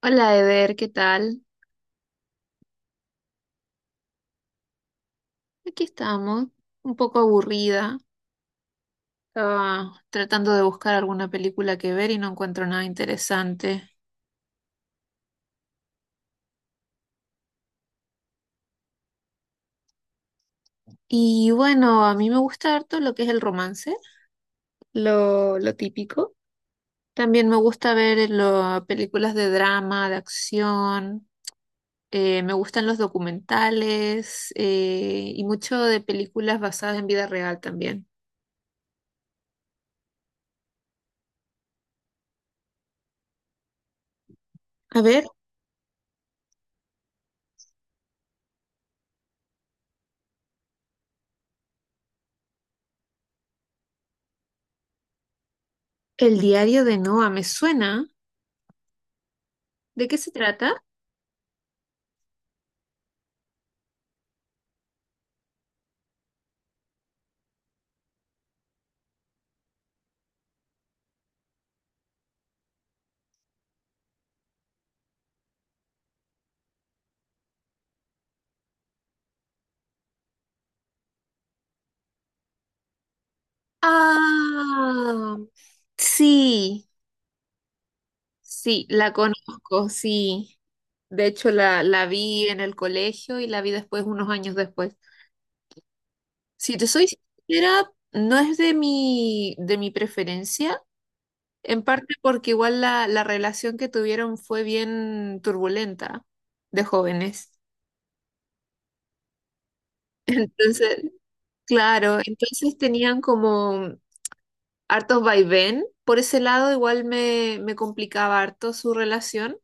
Hola Eder, ¿qué tal? Aquí estamos, un poco aburrida. Estaba tratando de buscar alguna película que ver y no encuentro nada interesante. Y bueno, a mí me gusta harto lo que es el romance, lo típico. También me gusta ver las películas de drama, de acción. Me gustan los documentales, y mucho de películas basadas en vida real también. A ver, el diario de Noa, ¿me suena? ¿De qué se trata? Ah, sí, sí, la conozco, sí. De hecho, la vi en el colegio y la vi después, unos años después. Si te soy sincera, no es de mi preferencia, en parte porque igual la relación que tuvieron fue bien turbulenta de jóvenes. Entonces, claro, entonces tenían como hartos vaivén. Por ese lado, igual me complicaba harto su relación.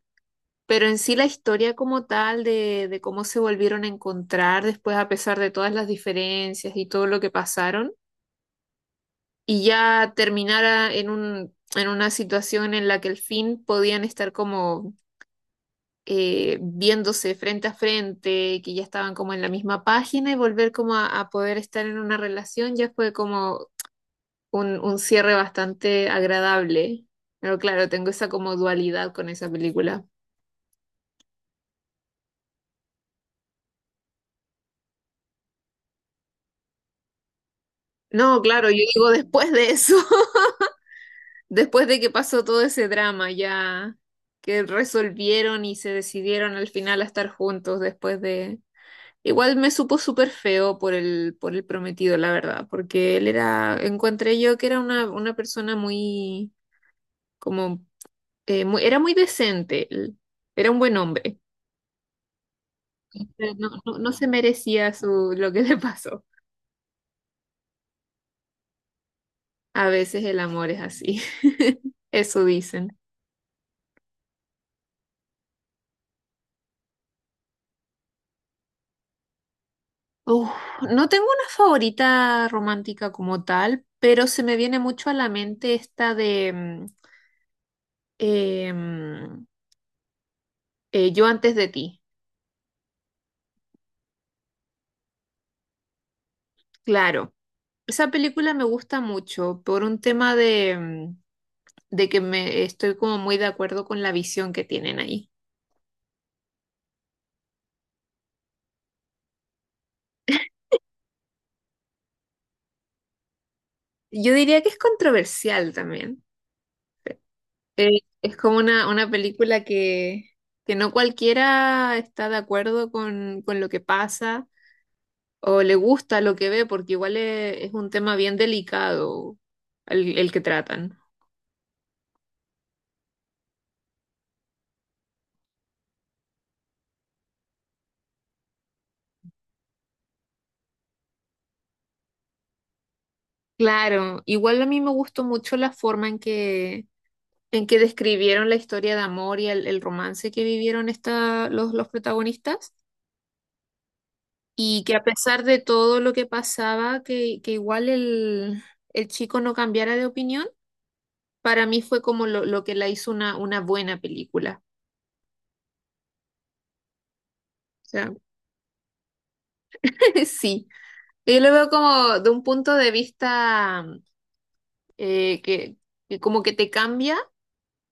Pero en sí la historia como tal de cómo se volvieron a encontrar después a pesar de todas las diferencias y todo lo que pasaron y ya terminara en una situación en la que al fin podían estar como viéndose frente a frente, que ya estaban como en la misma página y volver como a poder estar en una relación ya fue como un cierre bastante agradable. Pero claro, tengo esa como dualidad con esa película. No, claro, yo digo después de eso. Después de que pasó todo ese drama, ya que resolvieron y se decidieron al final a estar juntos después de... Igual me supo súper feo por el prometido, la verdad, porque él era, encontré yo que era una persona muy, como, era muy decente, él era un buen hombre. No, no, no se merecía su, lo que le pasó. A veces el amor es así, eso dicen. Uf, no tengo una favorita romántica como tal, pero se me viene mucho a la mente esta de eh, mm, Yo antes de ti. Claro, esa película me gusta mucho por un tema de, de que me estoy como muy de acuerdo con la visión que tienen ahí. Yo diría que es controversial también. Es como una película que no cualquiera está de acuerdo con lo que pasa, o le gusta lo que ve, porque igual es, un tema bien delicado el que tratan. Claro, igual a mí me gustó mucho la forma en que describieron la historia de amor y el romance que vivieron esta, los protagonistas, y que a pesar de todo lo que pasaba, que igual el chico no cambiara de opinión, para mí fue como lo que la hizo una buena película. O sea, sí. Yo lo veo como de un punto de vista eh, que, que como que te cambia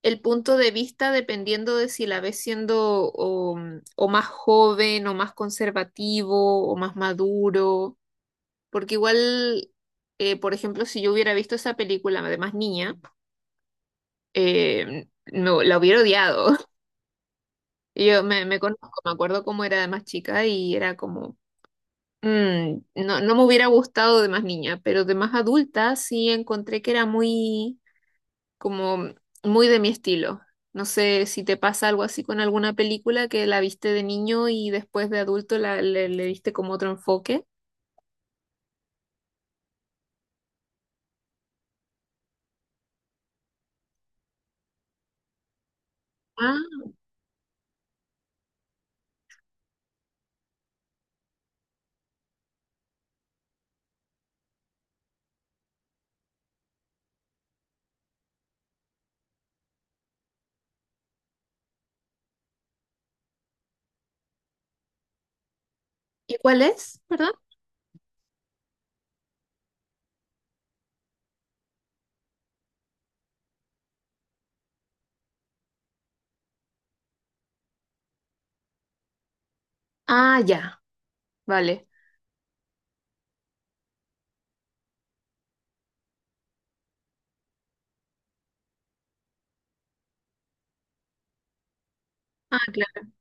el punto de vista dependiendo de si la ves siendo o más joven o más conservativo o más maduro, porque igual, por ejemplo, si yo hubiera visto esa película de más niña, no, la hubiera odiado. Yo me conozco, me acuerdo cómo era de más chica y era como... mm, no, no me hubiera gustado de más niña, pero de más adulta sí encontré que era muy, como muy de mi estilo. No sé si te pasa algo así con alguna película que la viste de niño y después de adulto la, le diste como otro enfoque. Ah, ¿y cuál es? ¿Perdón? Ah, ya, vale. Ah, claro.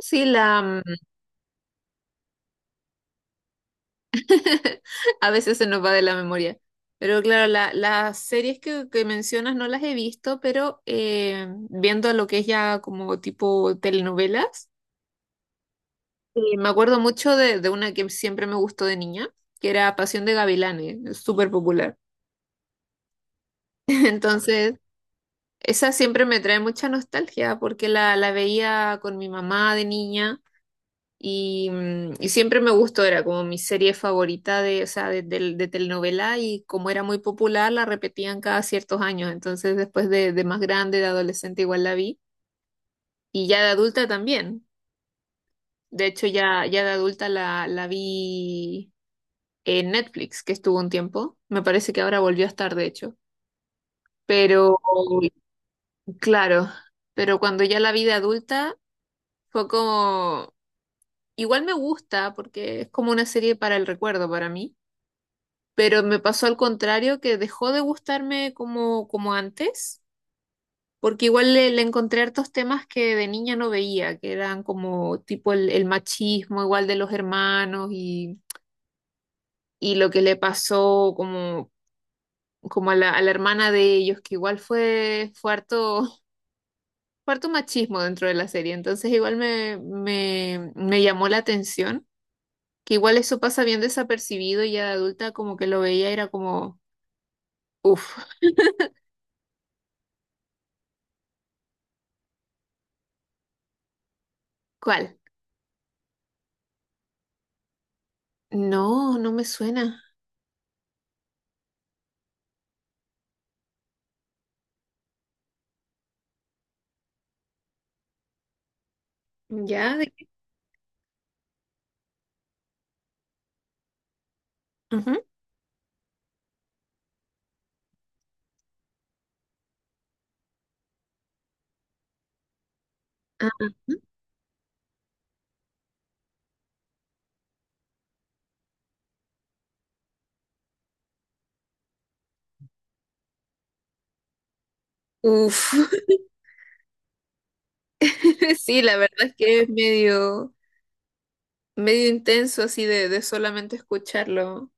Sí, la mm, a veces se nos va de la memoria. Pero claro, las series que mencionas no las he visto, pero viendo lo que es ya como tipo telenovelas. Y me acuerdo mucho de una que siempre me gustó de niña, que era Pasión de Gavilanes, es súper popular. Entonces, esa siempre me trae mucha nostalgia porque la veía con mi mamá de niña y, y siempre me gustó, era como mi serie favorita de, o sea, de telenovela y como era muy popular, la repetían cada ciertos años. Entonces, después de más grande, de adolescente, igual la vi y ya de adulta también. De hecho, ya, ya de adulta la vi en Netflix, que estuvo un tiempo. Me parece que ahora volvió a estar, de hecho. Pero, claro, pero cuando ya la vida adulta fue como, igual me gusta porque es como una serie para el recuerdo para mí, pero me pasó al contrario que dejó de gustarme como, como antes, porque igual le encontré hartos temas que de niña no veía, que eran como tipo el machismo igual de los hermanos y lo que le pasó como como a la hermana de ellos, que igual fue, fue harto, fue harto machismo dentro de la serie, entonces igual me llamó la atención, que igual eso pasa bien desapercibido y ya de adulta como que lo veía y era como, uff, ¿cuál? No, no me suena. ¿Ya? ¿De qué? Ujú. Ah, uf, sí, la verdad es que es medio, medio intenso así de solamente escucharlo.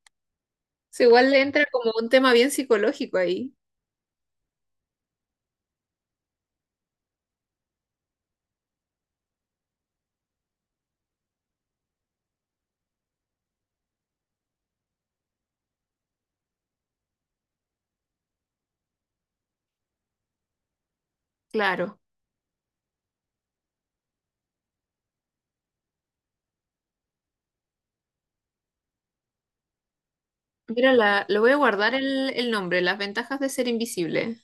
Sí, igual le entra como un tema bien psicológico ahí. Claro. Mira, lo voy a guardar el nombre, Las Ventajas de Ser Invisible.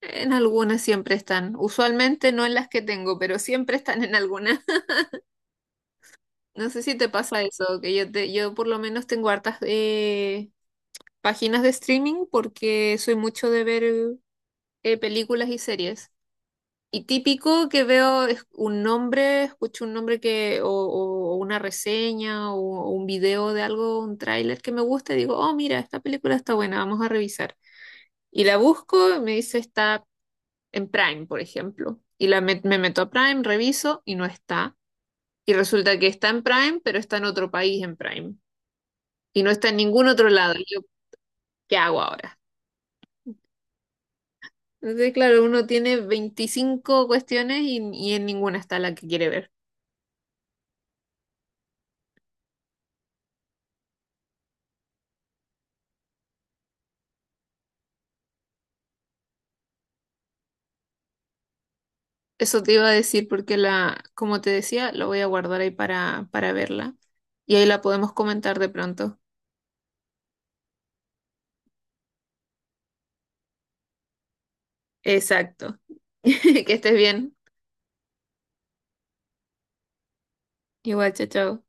En algunas siempre están, usualmente no en las que tengo, pero siempre están en algunas. No sé si te pasa eso, que yo, yo por lo menos tengo hartas páginas de streaming porque soy mucho de ver películas y series. Y típico que veo es un nombre, escucho un nombre que, o una reseña o un video de algo, un tráiler que me gusta y digo, oh, mira, esta película está buena, vamos a revisar. Y la busco, me dice está en Prime, por ejemplo. Y la me meto a Prime, reviso y no está. Y resulta que está en Prime, pero está en otro país en Prime. Y no está en ningún otro lado. Y yo, ¿qué hago ahora? Entonces, claro, uno tiene 25 cuestiones y en ninguna está la que quiere ver. Eso te iba a decir porque la, como te decía, lo voy a guardar ahí para verla. Y ahí la podemos comentar de pronto. Exacto. Que estés bien. Igual, chao, chao.